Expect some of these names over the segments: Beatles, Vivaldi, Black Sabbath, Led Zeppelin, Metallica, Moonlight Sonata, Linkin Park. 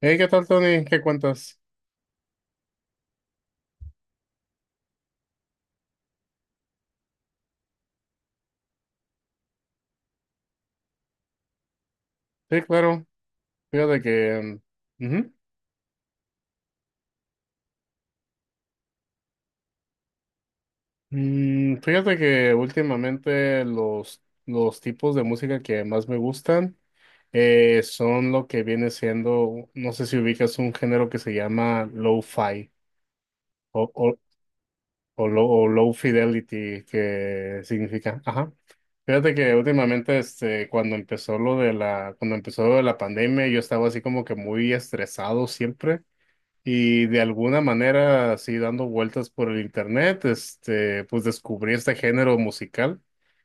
Hey, ¿qué tal, Tony? ¿Qué cuentas? Sí, claro. Fíjate que. Mm, ujú. Mm, fíjate que últimamente los tipos de música que más me gustan son lo que viene siendo, no sé si ubicas un género que se llama lo-fi o, o, o low fidelity, que significa, ajá. Fíjate que últimamente, este, cuando empezó lo de la pandemia, yo estaba así como que muy estresado siempre. Y de alguna manera, así dando vueltas por el internet, este, pues descubrí este género musical,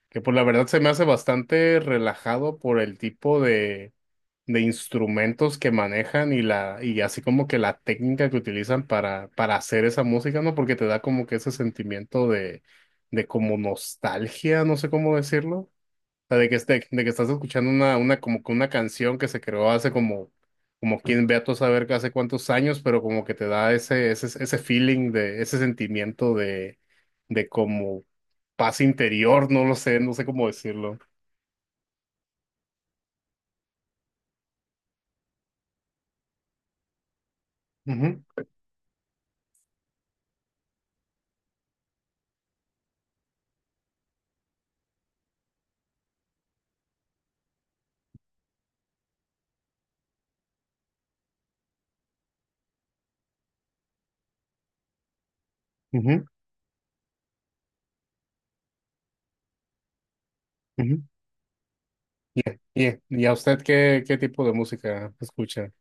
que por la verdad se me hace bastante relajado por el tipo de, instrumentos que manejan y la, y así como que la técnica que utilizan para, hacer esa música, ¿no? Porque te da como que ese sentimiento de como nostalgia, no sé cómo decirlo sea, de que, este, de que estás escuchando como que una canción que se creó hace como quien ve a todo saber que hace cuántos años, pero como que te da ese, feeling de, ese sentimiento de como paz interior, no lo sé, no sé cómo decirlo. Ujú, ujú, ujú. Y a usted qué, tipo de música escucha?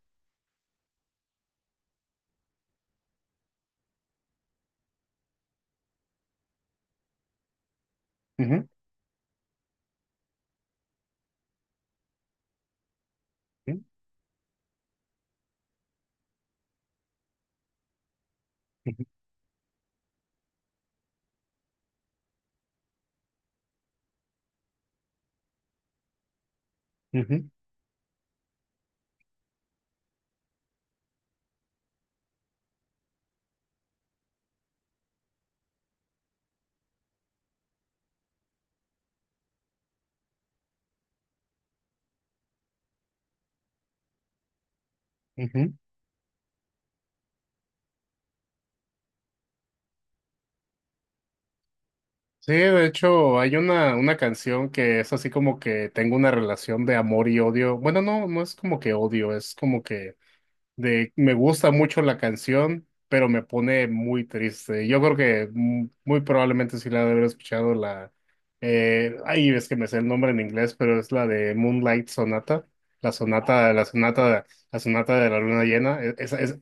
Ujú, ujú, ujú, ujú. Ujú. Sí, de hecho, hay una canción que es así como que tengo una relación de amor y odio. Bueno, no, no es como que odio, es como que de me gusta mucho la canción, pero me pone muy triste. Yo creo que muy probablemente sí la de haber escuchado la ay, es que me sé el nombre en inglés, pero es la de Moonlight Sonata, la sonata, la sonata de la luna llena. Esa, es,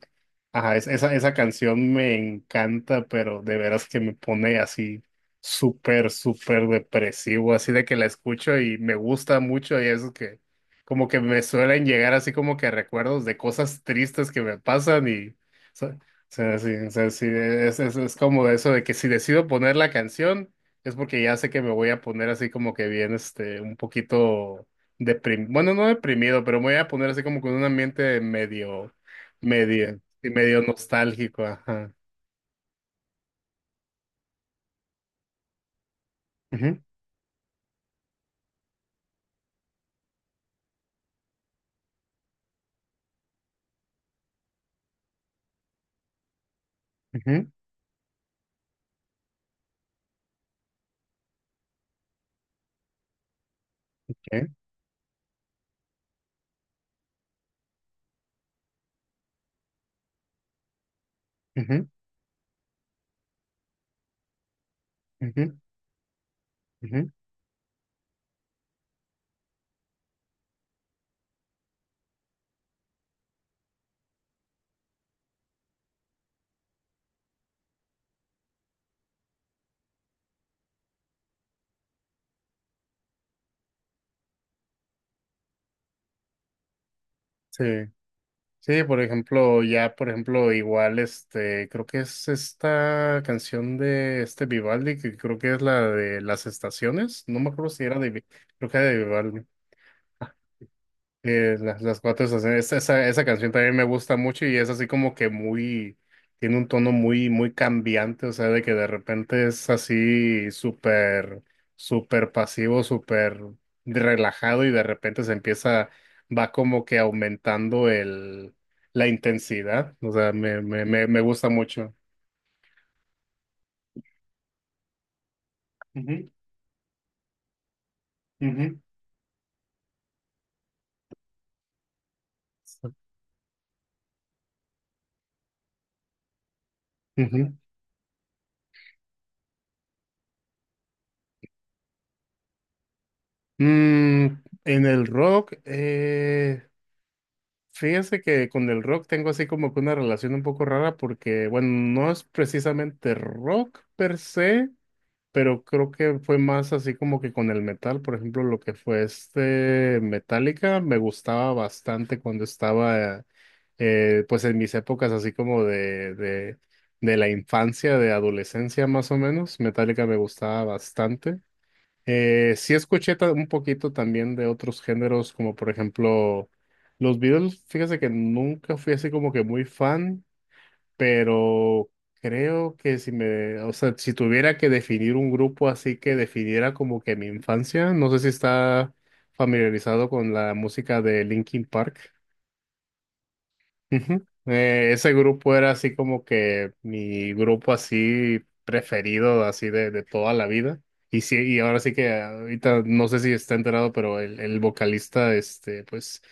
ajá, esa canción me encanta, pero de veras que me pone así súper, súper depresivo, así de que la escucho y me gusta mucho y es que como que me suelen llegar así como que recuerdos de cosas tristes que me pasan y, sea, o o sea, sí, es como eso de que si decido poner la canción es porque ya sé que me voy a poner así como que bien, este, un poquito deprimido, bueno, no deprimido, pero me voy a poner así como con un ambiente y medio nostálgico, ajá. Ujú, ujú, OK, ujú, ujú, ujú, sí. Sí, por ejemplo, ya, por ejemplo, igual, este, creo que es esta canción de este Vivaldi, que creo que es la de las estaciones, no me acuerdo si era de, creo que era de Vivaldi. Las cuatro estaciones, esa, esa canción también me gusta mucho y es así como que muy, tiene un tono muy, muy cambiante, o sea, de que de repente es así súper, súper pasivo, súper relajado y de repente se empieza, va como que aumentando el, la intensidad, o sea, me gusta mucho. Ujú, ujú. Ujú. En el rock, fíjese que con el rock tengo así como que una relación un poco rara porque, bueno, no es precisamente rock per se, pero creo que fue más así como que con el metal, por ejemplo, lo que fue este Metallica, me gustaba bastante cuando estaba, pues en mis épocas así como de, de la infancia, de adolescencia más o menos, Metallica me gustaba bastante. Sí escuché un poquito también de otros géneros, como por ejemplo los Beatles. Fíjese que nunca fui así como que muy fan, pero creo que o sea, si tuviera que definir un grupo así que definiera como que mi infancia, no sé si está familiarizado con la música de Linkin Park. Ujú. Ese grupo era así como que mi grupo así preferido, así de toda la vida. Y sí, y ahora sí que ahorita no sé si está enterado, pero el, vocalista, este, pues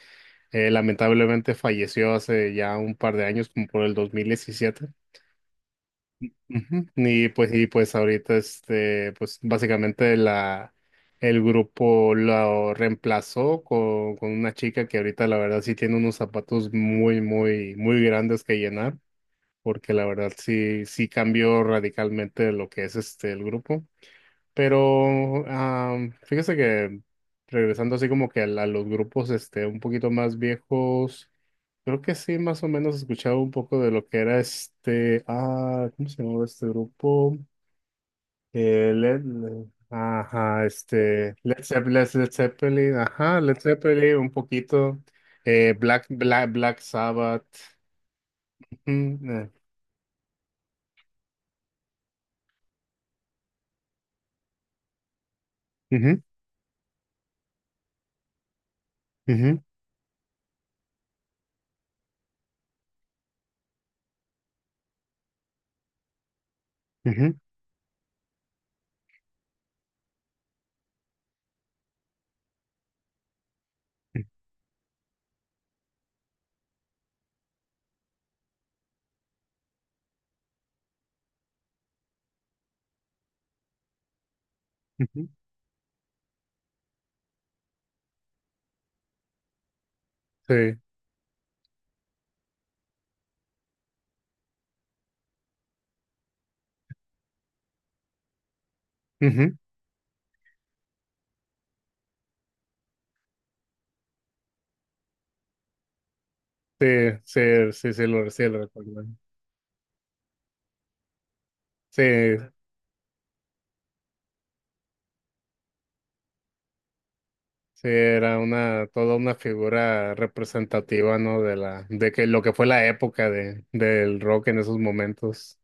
lamentablemente falleció hace ya un par de años, como por el 2017. Ujú. Y pues ahorita este, pues básicamente la, el grupo lo reemplazó con una chica que ahorita la verdad sí tiene unos zapatos muy, muy, muy grandes que llenar, porque la verdad sí, sí cambió radicalmente lo que es este el grupo. Pero fíjese que regresando así como que los grupos este un poquito más viejos, creo que sí más o menos escuchaba un poco de lo que era este, ah, ¿cómo se llamaba este grupo? Eh, Led, ajá, este, Led Zeppelin, Led Zeppelin, ajá, Led Zeppelin, un poquito, Black Sabbath, ujú, ujú, ujú, ujú, ujú, sí, ujú, sí, sí, sí, sí, lo recuerdo. Sí, sí, era una, toda una figura representativa, ¿no? De que lo que fue la época de, del rock en esos momentos,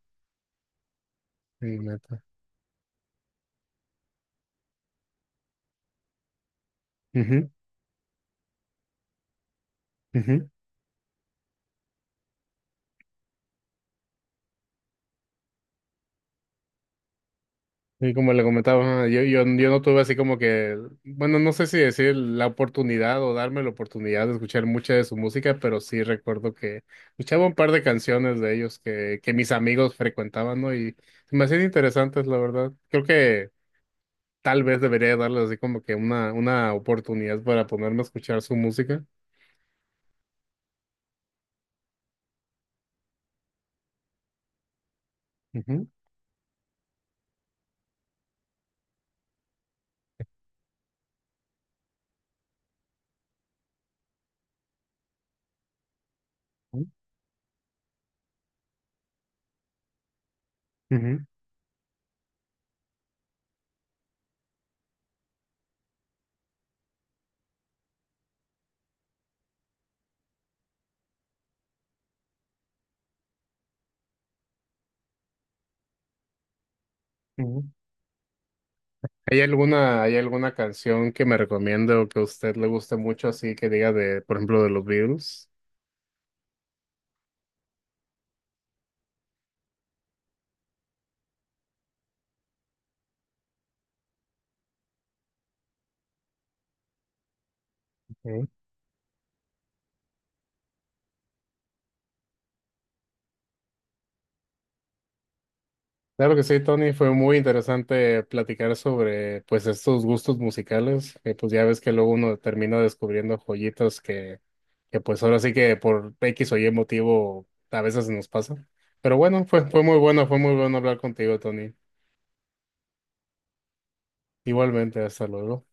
sí, neta. Ujú, ujú. Y como le comentaba, ajá, yo no tuve así como que, bueno, no sé si decir la oportunidad o darme la oportunidad de escuchar mucha de su música, pero sí recuerdo que escuchaba un par de canciones de ellos que, mis amigos frecuentaban, ¿no? Y se me hacían interesantes, la verdad. Creo que tal vez debería darles así como que una oportunidad para ponerme a escuchar su música. Ujú, ujú, ujú. Ujú. ¿Hay alguna canción que me recomiende o que a usted le guste mucho, así que diga de, por ejemplo, de los Beatles? Claro que sí, Tony, fue muy interesante platicar sobre pues estos gustos musicales, que pues ya ves que luego uno termina descubriendo joyitas que pues ahora sí que por X o Y motivo a veces nos pasa. Pero bueno, fue muy bueno, fue muy bueno hablar contigo, Tony. Igualmente, hasta luego.